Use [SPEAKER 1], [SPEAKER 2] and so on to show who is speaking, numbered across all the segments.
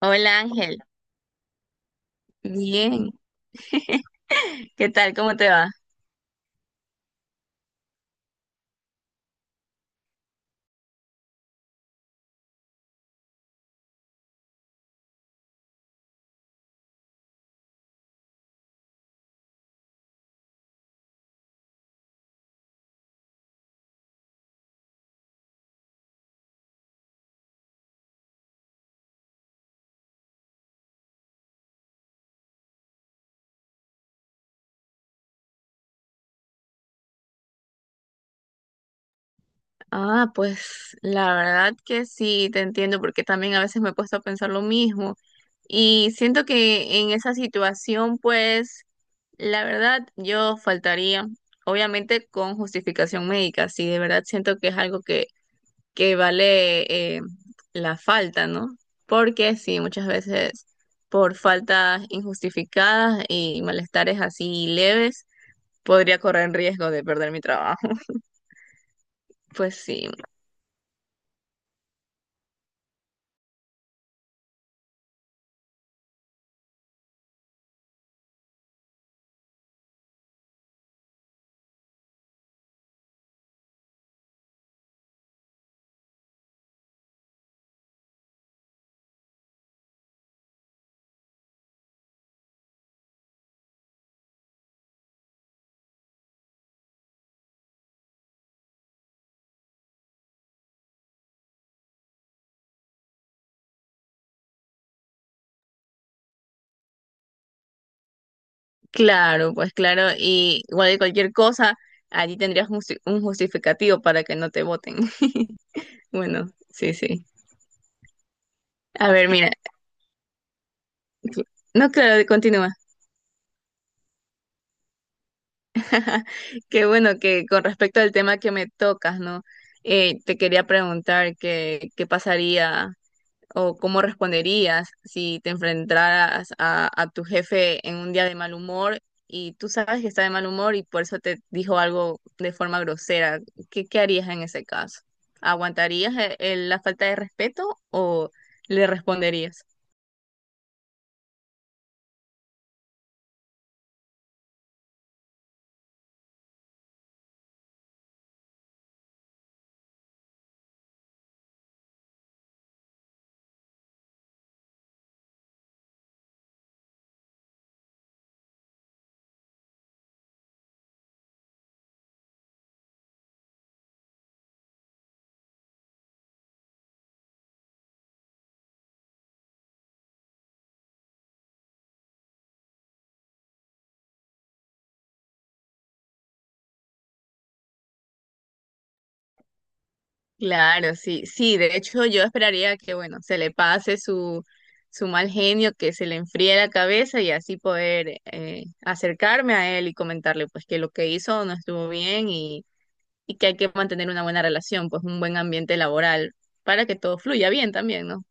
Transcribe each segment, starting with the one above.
[SPEAKER 1] Hola Ángel, bien, ¿qué tal? ¿Cómo te va? Ah, pues la verdad que sí, te entiendo porque también a veces me he puesto a pensar lo mismo y siento que en esa situación, pues la verdad yo faltaría, obviamente con justificación médica, sí, de verdad siento que es algo que, que vale, la falta, ¿no? Porque sí, muchas veces por faltas injustificadas y malestares así leves podría correr en riesgo de perder mi trabajo. Pues sí, claro, pues claro. Y igual de cualquier cosa, allí tendrías un justificativo para que no te voten. Bueno, sí, sí. A ver, mira, no, claro, continúa. Qué bueno que con respecto al tema que me tocas, ¿no? Te quería preguntar qué pasaría o cómo responderías si te enfrentaras a tu jefe en un día de mal humor y tú sabes que está de mal humor y por eso te dijo algo de forma grosera. ¿ qué harías en ese caso? ¿Aguantarías la falta de respeto o le responderías? Claro, sí, sí, de hecho yo esperaría que, bueno, se le pase su mal genio, que se le enfríe la cabeza y así poder acercarme a él y comentarle pues que lo que hizo no estuvo bien y que hay que mantener una buena relación, pues un buen ambiente laboral para que todo fluya bien también, ¿no?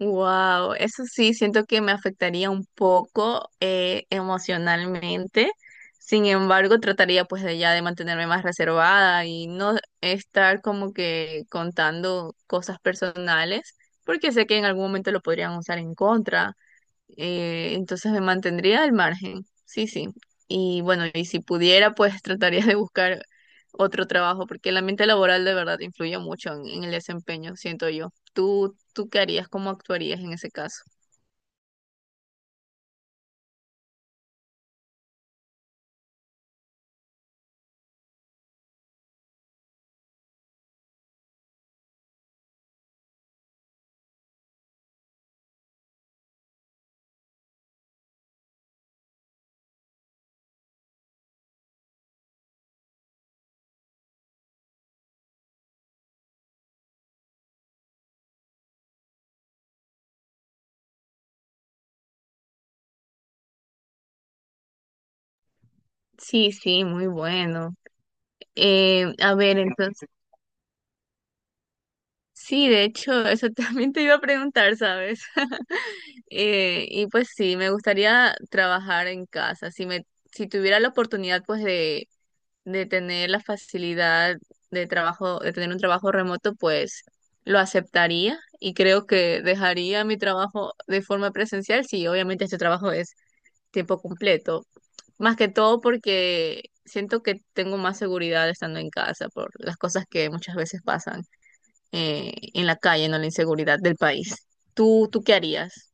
[SPEAKER 1] Wow, eso sí, siento que me afectaría un poco emocionalmente. Sin embargo, trataría pues de ya de mantenerme más reservada y no estar como que contando cosas personales, porque sé que en algún momento lo podrían usar en contra. Entonces me mantendría al margen, sí, sí. Y bueno, y si pudiera, pues trataría de buscar otro trabajo, porque el ambiente laboral de verdad influye mucho en el desempeño, siento yo. ¿ tú qué harías? ¿Cómo actuarías en ese caso? Sí, sí, muy bueno. A ver, entonces, sí, de hecho, eso también te iba a preguntar, ¿sabes? Y pues sí, me gustaría trabajar en casa. Si tuviera la oportunidad, pues de tener la facilidad de trabajo, de tener un trabajo remoto, pues lo aceptaría y creo que dejaría mi trabajo de forma presencial si obviamente este trabajo es tiempo completo. Más que todo porque siento que tengo más seguridad estando en casa por las cosas que muchas veces pasan en la calle, no la inseguridad del país. ¿ tú qué harías?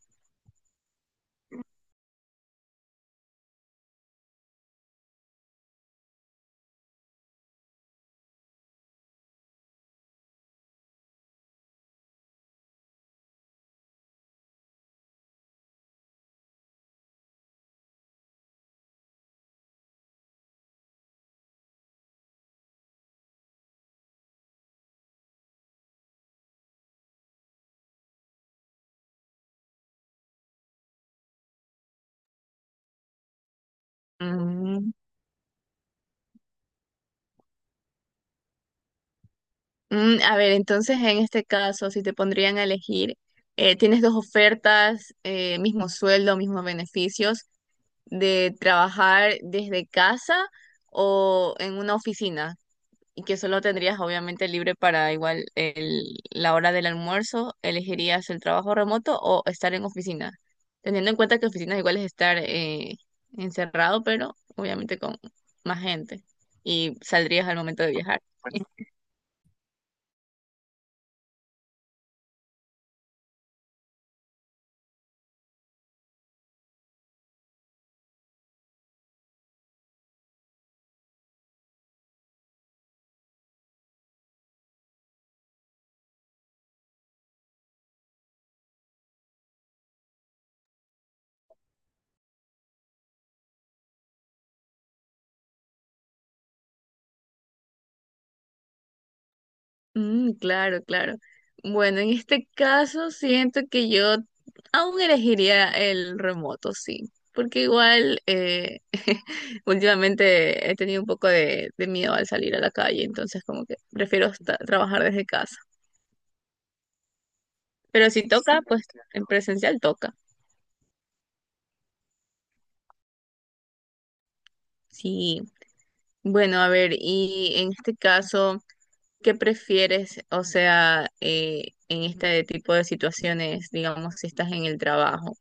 [SPEAKER 1] Mm, Mm, a ver, entonces en este caso, si te pondrían a elegir, tienes dos ofertas, mismo sueldo, mismos beneficios, de trabajar desde casa o en una oficina, y que solo tendrías obviamente libre para igual la hora del almuerzo, ¿elegirías el trabajo remoto o estar en oficina? Teniendo en cuenta que oficina igual es estar encerrado, pero obviamente con más gente, y saldrías al momento de viajar. Mm, claro, claro. Bueno, en este caso siento que yo aún elegiría el remoto, sí, porque igual últimamente he tenido un poco de miedo al salir a la calle, entonces como que prefiero trabajar desde casa. Pero si toca, pues en presencial toca. Sí. Bueno, a ver, y en este caso, ¿qué prefieres? O sea, en este tipo de situaciones, digamos, si estás en el trabajo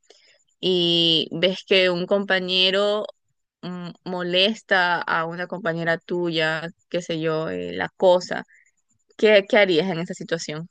[SPEAKER 1] y ves que un compañero mm, molesta a una compañera tuya, qué sé yo, la cosa, ¿ qué harías en esa situación?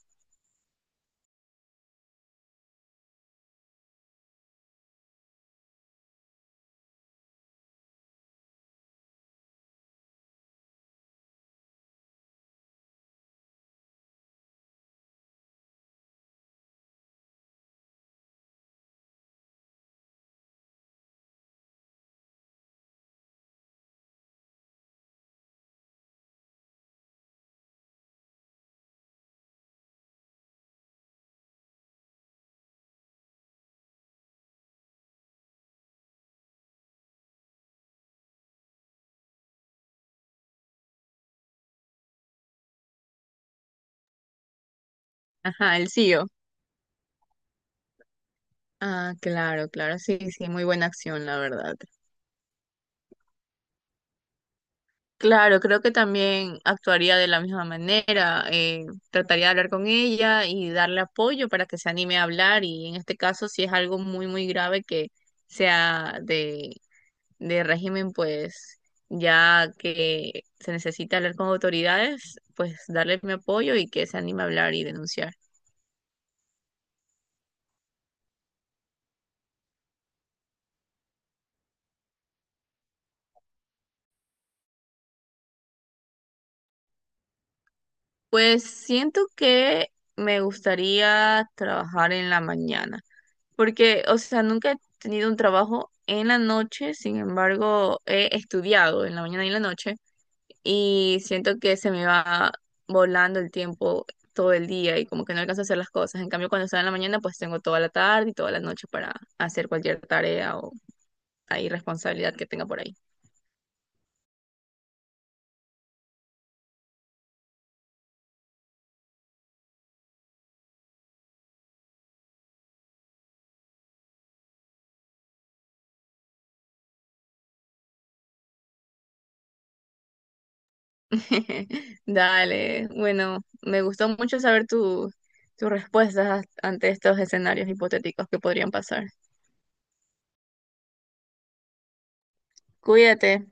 [SPEAKER 1] Ajá, el CEO. Ah, claro, claro, sí, sí, muy buena acción, la verdad. Claro, creo que también actuaría de la misma manera, trataría de hablar con ella y darle apoyo para que se anime a hablar y en este caso si es algo muy, muy grave que sea de régimen, pues ya que se necesita hablar con autoridades, pues darle mi apoyo y que se anime a hablar y denunciar. Pues siento que me gustaría trabajar en la mañana, porque, o sea, nunca he tenido un trabajo en la noche, sin embargo, he estudiado en la mañana y en la noche y siento que se me va volando el tiempo todo el día y como que no alcanzo a hacer las cosas. En cambio, cuando estoy en la mañana, pues tengo toda la tarde y toda la noche para hacer cualquier tarea o ahí responsabilidad que tenga por ahí. Dale, bueno, me gustó mucho saber tus respuestas ante estos escenarios hipotéticos que podrían pasar. Cuídate.